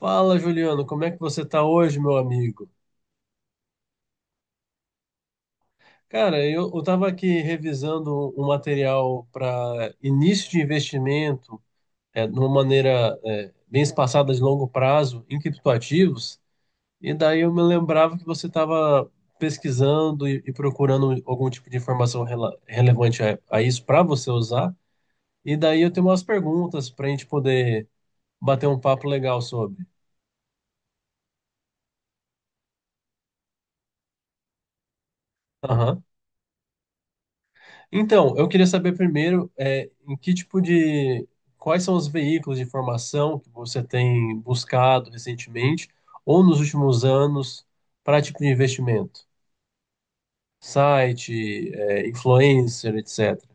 Fala, Juliano, como é que você está hoje, meu amigo? Cara, estava aqui revisando um material para início de investimento, de uma maneira, bem espaçada de longo prazo, em criptoativos, e daí eu me lembrava que você estava pesquisando e procurando algum tipo de informação relevante a isso para você usar, e daí eu tenho umas perguntas para a gente poder bater um papo legal sobre. Então, eu queria saber primeiro, quais são os veículos de informação que você tem buscado recentemente ou nos últimos anos para tipo de investimento? Site, influencer, etc.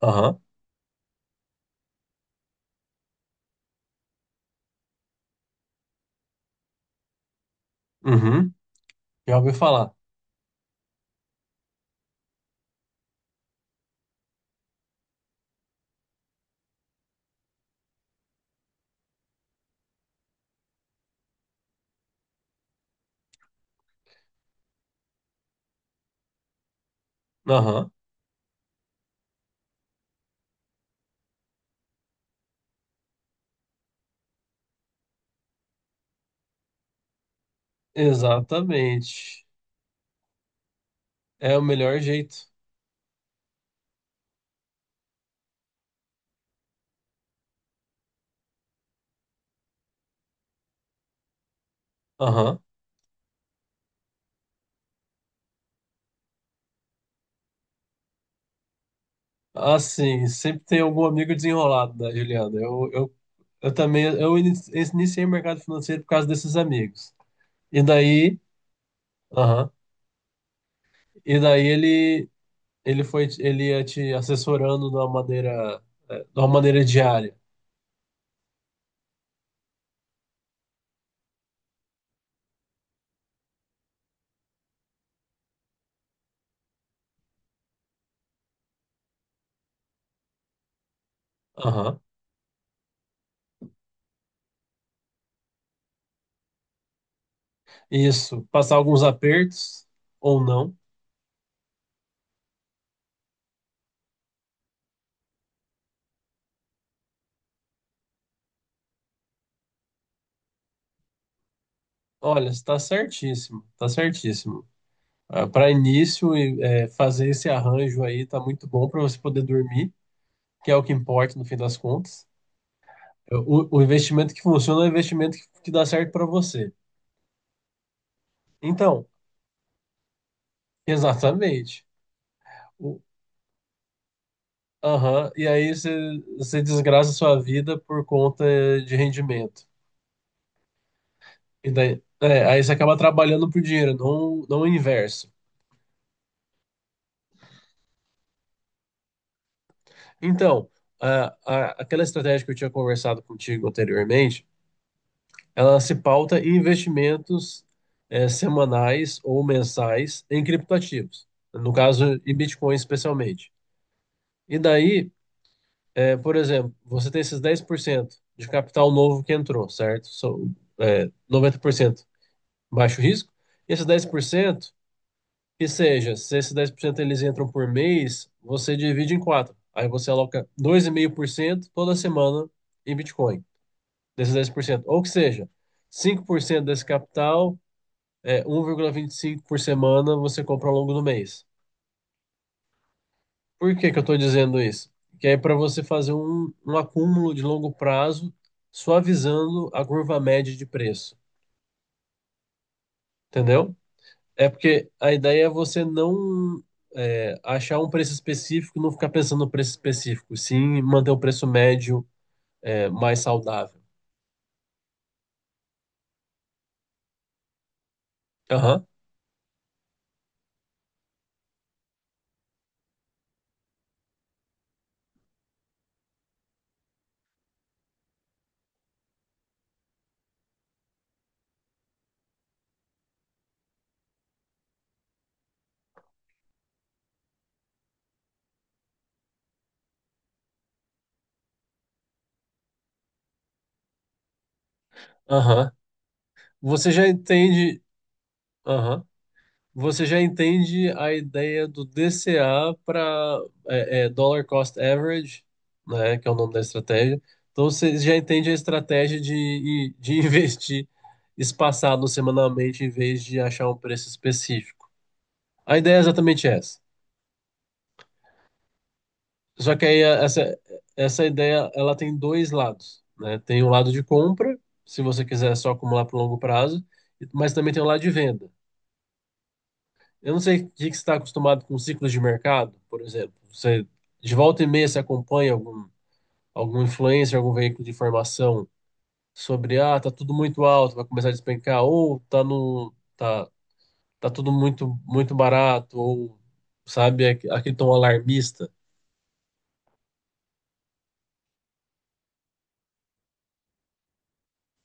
Aham, uhum, já ouvi falar. Aham, exatamente. É o melhor jeito. Aham. Assim, sempre tem algum amigo desenrolado, né, Juliana? Eu também, iniciei o mercado financeiro por causa desses amigos. E daí, aham. E daí ele ia te assessorando de uma maneira diária. Aham. Isso, passar alguns apertos ou não. Olha, está certíssimo, está certíssimo. Para início, fazer esse arranjo aí tá muito bom para você poder dormir, que é o que importa no fim das contas. É, o investimento que funciona é o investimento que dá certo para você. Então, exatamente. Aham, e aí você desgraça a sua vida por conta de rendimento. E daí, aí você acaba trabalhando por dinheiro, não, não o inverso. Então, aquela estratégia que eu tinha conversado contigo anteriormente, ela se pauta em investimentos, semanais ou mensais em criptoativos, no caso, em Bitcoin especialmente. E daí, por exemplo, você tem esses 10% de capital novo que entrou, certo? São, 90%, baixo risco. Esses 10%, que seja, se esses 10% eles entram por mês, você divide em quatro. Aí você aloca 2,5% toda semana em Bitcoin, desses 10%. Ou que seja, 5% desse capital, é, um 1,25% por semana você compra ao longo do mês. Por que que eu estou dizendo isso? Que é para você fazer um acúmulo de longo prazo, suavizando a curva média de preço. Entendeu? É porque a ideia é você não achar um preço específico, não ficar pensando no preço específico, sim manter o preço médio, mais saudável. Aham, aham. Você já entende, aham. Você já entende a ideia do DCA, para Dollar Cost Average, né, que é o nome da estratégia. Então você já entende a estratégia de investir espaçado semanalmente em vez de achar um preço específico. A ideia é exatamente essa. Só que aí essa ideia, ela tem dois lados, né? Tem o lado de compra, se você quiser só acumular para o longo prazo, mas também tem o lado de venda. Eu não sei o que que você está acostumado com ciclos de mercado, por exemplo. Você de volta e meia você acompanha algum influencer, algum veículo de informação sobre: ah, tá tudo muito alto, vai começar a despencar, ou tá no tá tá tudo muito muito barato, ou sabe aquele tom alarmista.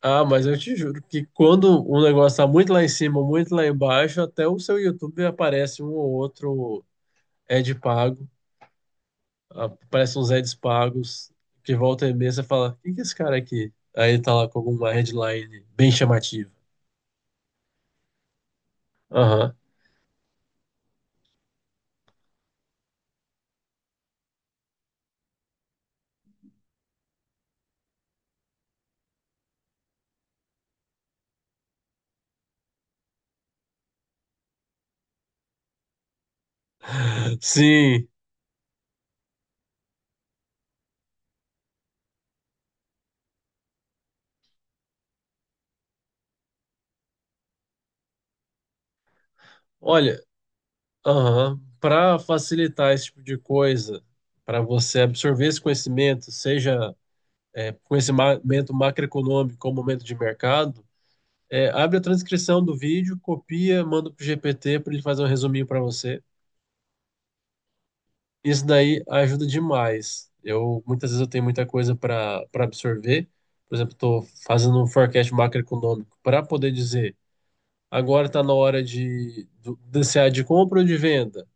Ah, mas eu te juro que quando um negócio tá muito lá em cima, muito lá embaixo, até o seu YouTube aparece um ou outro ad pago, aparece uns ads pagos, que volta e meia você fala: quem que é esse cara aqui? Aí ele tá lá com alguma headline bem chamativa. Aham. Sim. Olha, aham. Para facilitar esse tipo de coisa, para você absorver esse conhecimento, seja conhecimento macroeconômico ou momento de mercado, abre a transcrição do vídeo, copia, manda pro GPT para ele fazer um resuminho para você. Isso daí ajuda demais. Eu muitas vezes eu tenho muita coisa para absorver. Por exemplo, estou fazendo um forecast macroeconômico para poder dizer: agora está na hora desse ar de compra ou de venda.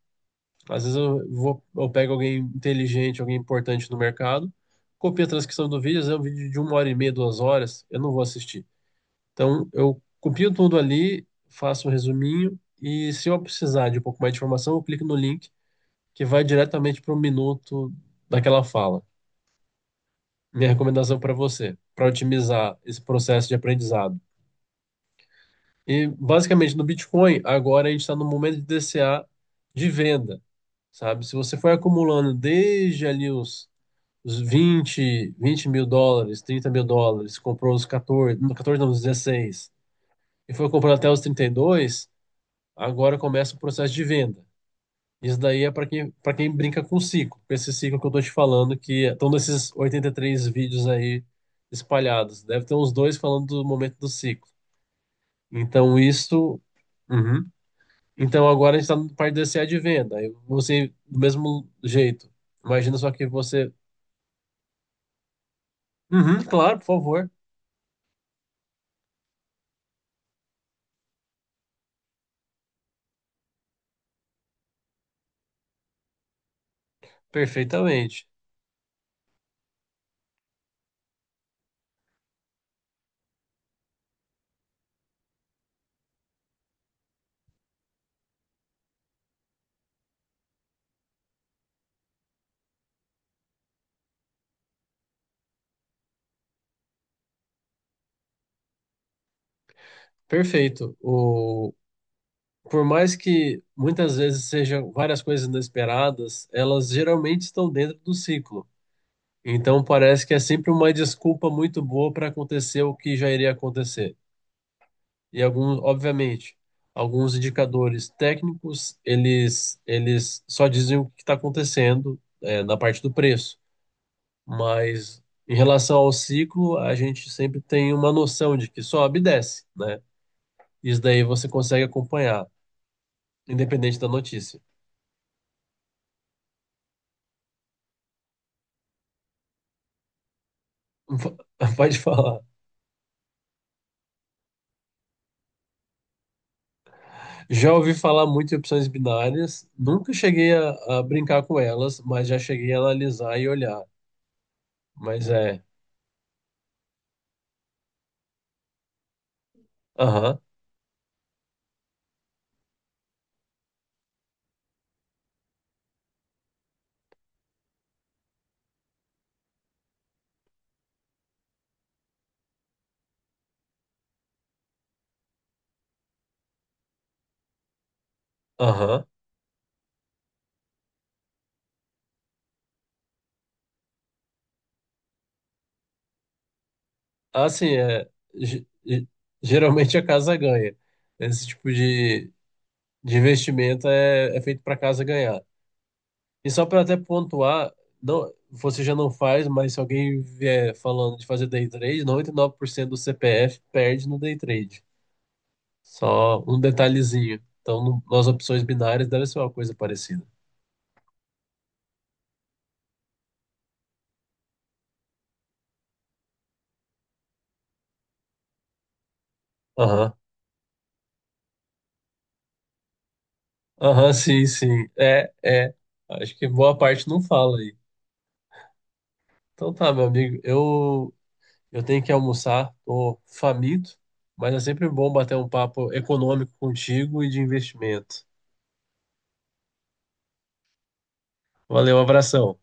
Às vezes eu pego alguém inteligente, alguém importante no mercado, copio a transcrição do vídeo, às vezes é um vídeo de uma hora e meia, 2 horas, eu não vou assistir. Então, eu copio tudo ali, faço um resuminho, e se eu precisar de um pouco mais de informação, eu clico no link que vai diretamente para o minuto daquela fala. Minha recomendação para você, para otimizar esse processo de aprendizado. E, basicamente, no Bitcoin, agora a gente está no momento de DCA de venda, sabe? Se você foi acumulando desde ali os 20 20 mil dólares, 30 mil dólares, comprou os 14, não, 14 não, os 16, e foi comprando até os 32. Agora começa o processo de venda. Isso daí é para quem brinca com o ciclo, com esse ciclo que eu estou te falando, que estão nesses 83 vídeos aí espalhados. Deve ter uns dois falando do momento do ciclo. Então, isso. Uhum. Então, agora a gente está na parte do SEA de venda. Aí você, do mesmo jeito, imagina só que você. Uhum, claro, por favor. Perfeitamente. Perfeito. Por mais que muitas vezes sejam várias coisas inesperadas, elas geralmente estão dentro do ciclo. Então parece que é sempre uma desculpa muito boa para acontecer o que já iria acontecer. E algum, obviamente, alguns indicadores técnicos, eles só dizem o que está acontecendo, na parte do preço. Mas em relação ao ciclo, a gente sempre tem uma noção de que sobe e desce, né? Isso daí você consegue acompanhar, independente da notícia. Pode falar. Já ouvi falar muito em opções binárias, nunca cheguei a brincar com elas, mas já cheguei a analisar e olhar. Mas é, aham, aham. Assim, ge- ge- geralmente a casa ganha. Esse tipo de investimento é feito para a casa ganhar. E só para até pontuar, não, você já não faz, mas se alguém vier falando de fazer day trade, 99% do CPF perde no day trade. Só um detalhezinho. Então, nas opções binárias deve ser uma coisa parecida. Aham, aham, sim, sim. É, é. Acho que boa parte não fala aí. Então tá, meu amigo, eu tenho que almoçar, tô faminto, mas é sempre bom bater um papo econômico contigo e de investimento. Valeu, abração.